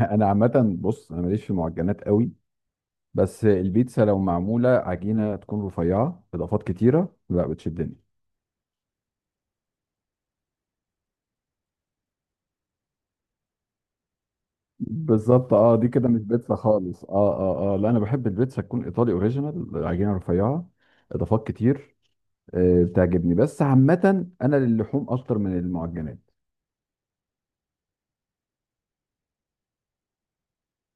انا عامه، بص، انا ماليش في المعجنات قوي. بس البيتزا، لو معموله عجينه تكون رفيعه، اضافات كتيره، لا بتشدني. بالظبط. اه دي كده مش بيتزا خالص اه، اه، لا، انا بحب البيتزا تكون ايطالي اوريجينال، عجينه رفيعه، اضافات كتير. آه، بتعجبني. بس عامه انا للحوم اكتر من المعجنات.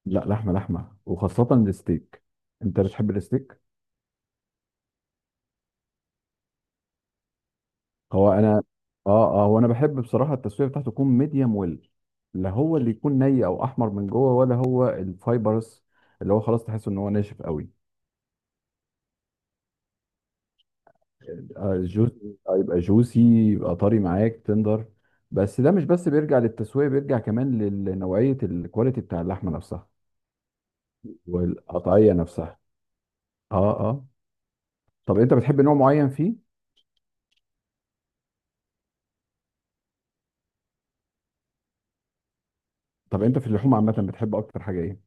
لا، لحمه لحمه، وخاصه الستيك. انت بتحب الستيك؟ هو انا. اه، اه، وانا بحب بصراحه التسويه بتاعته تكون ميديم ويل. لا، هو اللي يكون ني او احمر من جوه، ولا هو الفايبرس اللي هو خلاص تحس ان هو ناشف قوي. آه، جوز. يبقى جوسي، يبقى طري معاك، تندر. بس ده مش بس بيرجع للتسويه، بيرجع كمان لنوعيه الكواليتي بتاع اللحمه نفسها، والقطعيه نفسها. اه، اه. طب انت بتحب نوع معين فيه؟ طب انت في اللحوم عامه بتحب اكتر حاجه ايه؟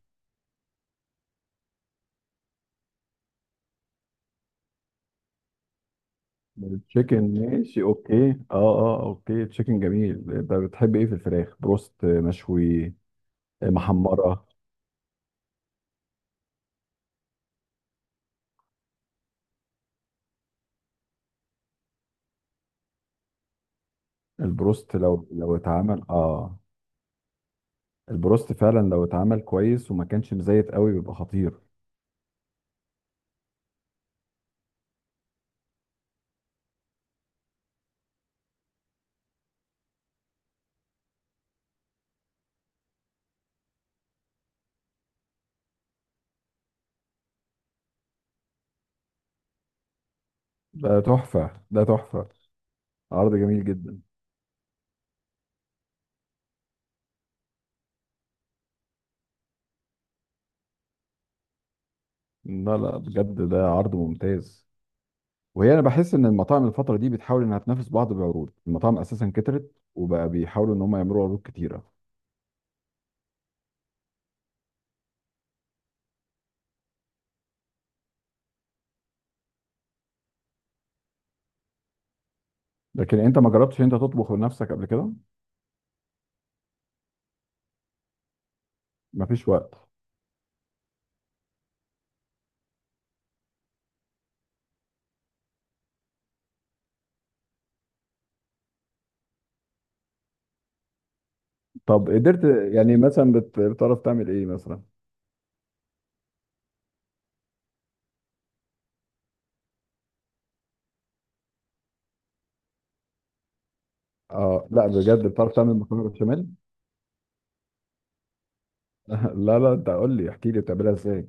تشيكن، ماشي، اوكي. اه، اه، اوكي. تشيكن جميل. بتحب ايه في الفراخ؟ بروست؟ مشوي؟ محمرة؟ البروست لو اتعمل البروست فعلا لو اتعمل كويس وما كانش مزيت قوي بيبقى خطير. ده تحفة، ده تحفة. عرض جميل جدا. لا، لا، بجد ده عرض ممتاز. وهي انا بحس ان المطاعم الفترة دي بتحاول انها تنافس بعض بعروض، المطاعم اساسا كترت وبقى بيحاولوا ان هم يعملوا عروض كتيرة. لكن انت ما جربتش انت تطبخ بنفسك قبل كده؟ مفيش وقت. طب قدرت يعني مثلا بتعرف تعمل ايه مثلا؟ اه، لا، بجد بتعرف تعمل مكرونه بشاميل؟ لا، لا، انت قول لي، احكي لي بتعملها ازاي.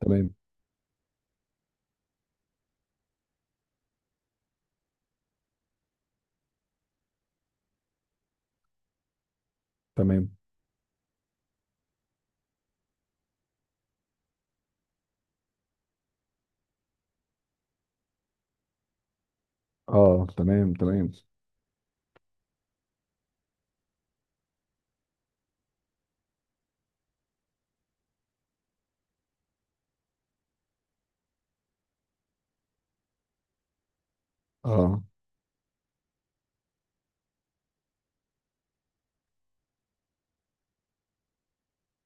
تمام، تمام. اه، تمام، تمام. اه،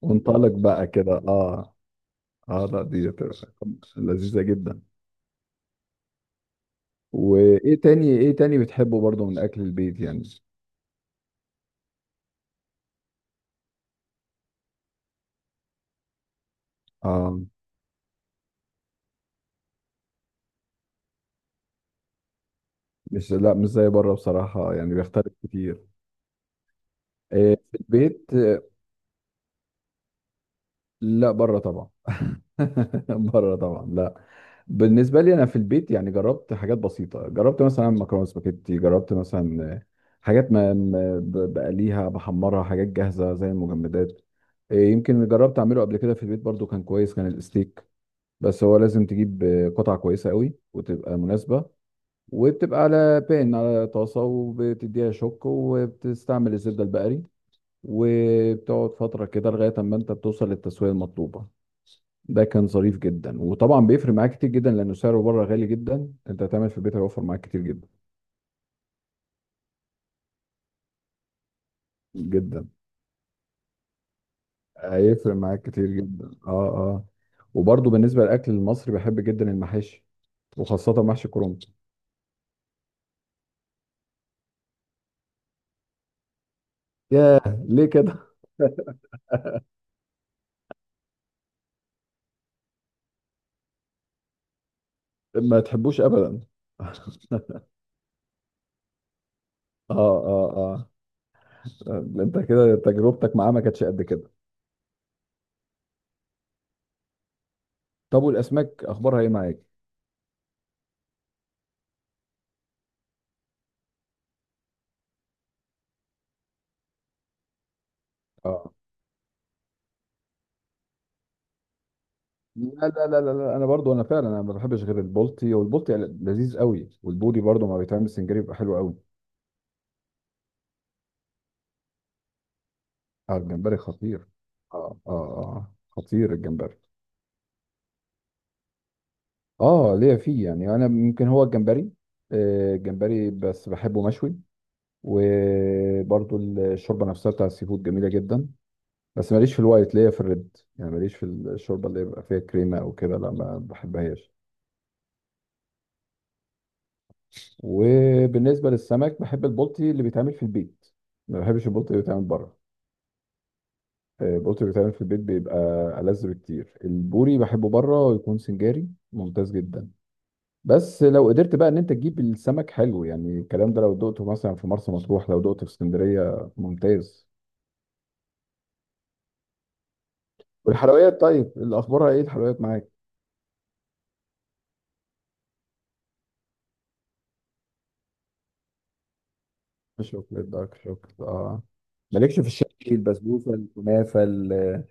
وانطلق بقى كده. اه، اه، لا، دي هتبقى لذيذه جدا. وايه تاني، ايه تاني بتحبه برضو من اكل البيت يعني؟ اه، مش، لا، مش زي بره بصراحه، يعني بيختلف كتير. إيه، في البيت؟ لا، بره طبعا. بره طبعا، لا. بالنسبه لي انا في البيت يعني جربت حاجات بسيطه، جربت مثلا مكرونه سباكيتي، جربت مثلا حاجات ما بقليها، بحمرها، حاجات جاهزه زي المجمدات. إيه، يمكن اللي جربت اعمله قبل كده في البيت برضو كان كويس، كان الستيك. بس هو لازم تجيب قطعه كويسه قوي وتبقى مناسبه. وبتبقى على بان، على طاسه، وبتديها شوك، وبتستعمل الزبده البقري، وبتقعد فتره كده لغايه اما انت بتوصل للتسويه المطلوبه. ده كان ظريف جدا. وطبعا بيفرق معاك كتير جدا لانه سعره بره غالي جدا، انت هتعمل في البيت هيوفر معاك كتير جدا. جدا. هيفرق معاك كتير جدا. اه، اه. وبرضه بالنسبه للاكل المصري بحب جدا المحاشي، وخاصه محشي كرنب. ياه، ليه كده؟ ما تحبوش ابدا؟ اه، اه، اه. انت كده تجربتك معاه ما كانتش قد كده. طب والاسماك اخبارها ايه معاك؟ اه، لا، لا، لا، لا، لا، انا برضو انا فعلا انا ما بحبش غير البلطي، والبلطي لذيذ قوي. والبوري برضو ما بيتعمل سنجاري بيبقى حلو قوي. اه، الجمبري خطير. اه، اه، اه، خطير الجمبري. اه، ليا فيه، يعني انا ممكن هو الجمبري. آه، الجمبري بس بحبه مشوي. وبرضو الشوربه نفسها بتاع السي فود جميله جدا. بس ماليش في الوايت، ليا في الريد، يعني ماليش في الشوربه اللي يبقى فيها كريمه او كده، لا ما بحبهاش. وبالنسبه للسمك بحب البلطي اللي بيتعمل في البيت، ما بحبش البلطي اللي بيتعمل بره. آه، البلطي اللي بيتعمل في البيت بيبقى ألذ بكتير. البوري بحبه بره ويكون سنجاري، ممتاز جدا. بس لو قدرت بقى ان انت تجيب السمك حلو، يعني الكلام ده لو دقته مثلا في مرسى مطروح، لو دقته في اسكندريه، ممتاز. والحلويات، طيب الاخبار ايه الحلويات معاك؟ شوكليت دارك، شوكليت مالكش في الشرقي، البسبوسه، الكنافه،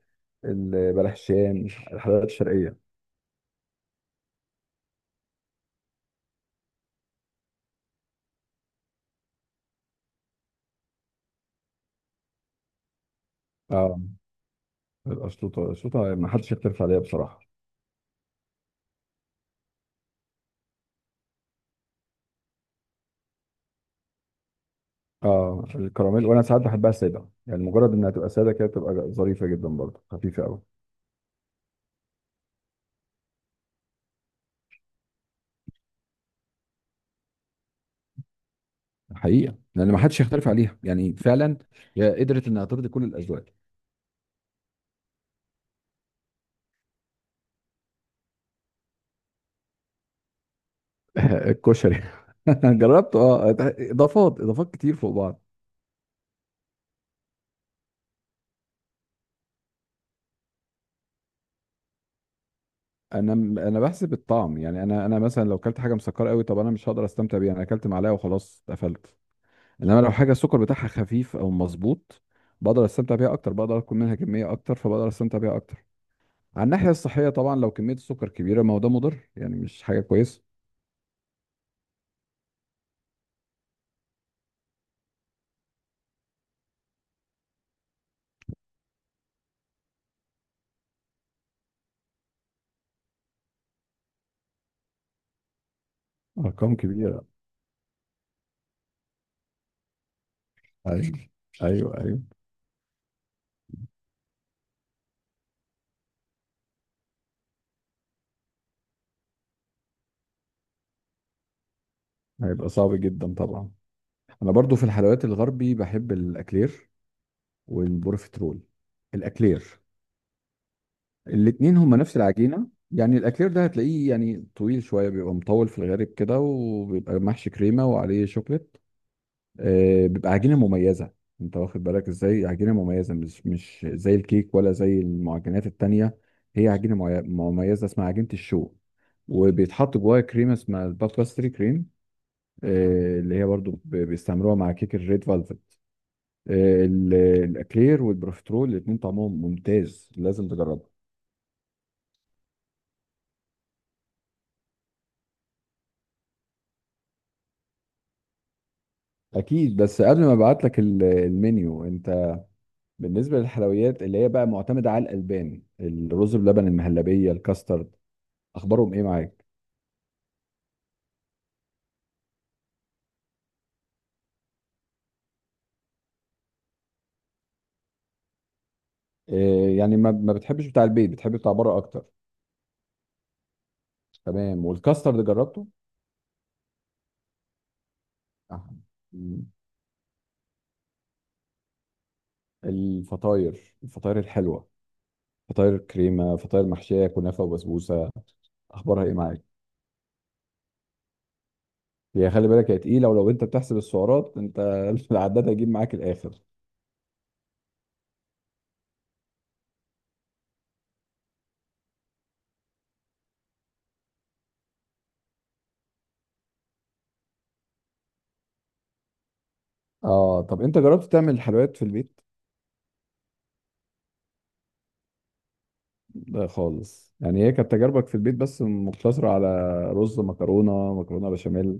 البلحشان، الحلويات الشرقيه؟ اه، القشطوطه، القشطوطه ما حدش يختلف عليها بصراحه. اه، الكراميل، وانا ساعات بحبها ساده، يعني مجرد انها تبقى ساده كده تبقى ظريفه جدا برضه، خفيفه قوي. حقيقه، لان ما حدش يختلف عليها يعني فعلا، هي قدرت انها ترضي كل الاذواق. الكشري. جربته، اه. اضافات، اضافات كتير فوق بعض. انا انا بحسب الطعم، يعني انا مثلا لو اكلت حاجه مسكره قوي، طب انا مش هقدر استمتع بيها، انا اكلت معلقه وخلاص قفلت. انما لو حاجه السكر بتاعها خفيف او مظبوط، بقدر استمتع بيها اكتر، بقدر اكل منها كميه اكتر، فبقدر استمتع بيها اكتر. على الناحيه الصحيه طبعا لو كميه السكر كبيره ما هو ده مضر، يعني مش حاجه كويسه. ارقام كبيره. ايوه، ايوه، ايوه. هيبقى صعب جدا طبعا. انا برضو في الحلويات الغربي بحب الاكلير والبروفيترول. الاكلير، الاتنين هما نفس العجينه. يعني الاكلير ده هتلاقيه يعني طويل شويه، بيبقى مطول في الغالب كده، وبيبقى محشي كريمه وعليه شوكليت. آه، بيبقى عجينه مميزه. انت واخد بالك ازاي؟ عجينه مميزه، مش زي الكيك ولا زي المعجنات التانية. هي عجينه مميزه اسمها عجينه الشو. وبيتحط جواها كريمه اسمها الباستري كريم. آه، اللي هي برضو بيستعملوها مع كيك الريد فالفت. ال- الاكلير والبروفيترول الاتنين طعمهم ممتاز، لازم تجربها. اكيد. بس قبل ما ابعت لك المنيو، انت بالنسبه للحلويات اللي هي بقى معتمده على الالبان، الرز بلبن، المهلبيه، الكاسترد، اخبارهم ايه معاك؟ إيه يعني، ما بتحبش بتاع البيت، بتحب بتاع بره اكتر. تمام، والكاسترد جربته؟ آه. مم. الفطاير، الفطاير الحلوه، فطاير كريمه، فطاير محشيه كنافه وبسبوسه، اخبارها ايه معاك؟ هي خلي بالك هي تقيله، ولو انت بتحسب السعرات انت العداد هيجيب معاك الاخر. اه، طب انت جربت تعمل حلويات في البيت؟ لا خالص. يعني هي كانت تجاربك في البيت بس مقتصره على رز، مكرونه، مكرونه بشاميل؟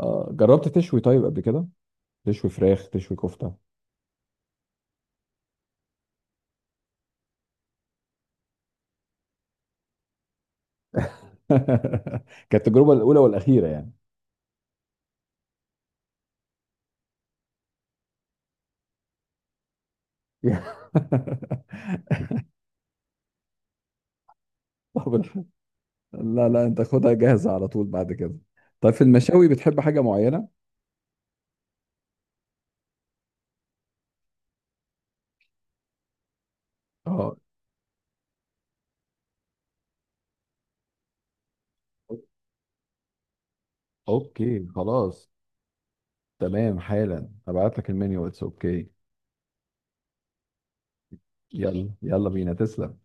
آه، جربت تشوي طيب قبل كده؟ تشوي فراخ، تشوي كفته؟ كانت التجربه الاولى والاخيره يعني. طب لا، لا، انت خدها جاهزه على طول بعد كده. طيب في المشاوي بتحب حاجه معينه؟ اه، اوكي، خلاص. تمام، حالا هبعت لك المنيو اتس. اوكي. يلا، يلا بينا. تسلم.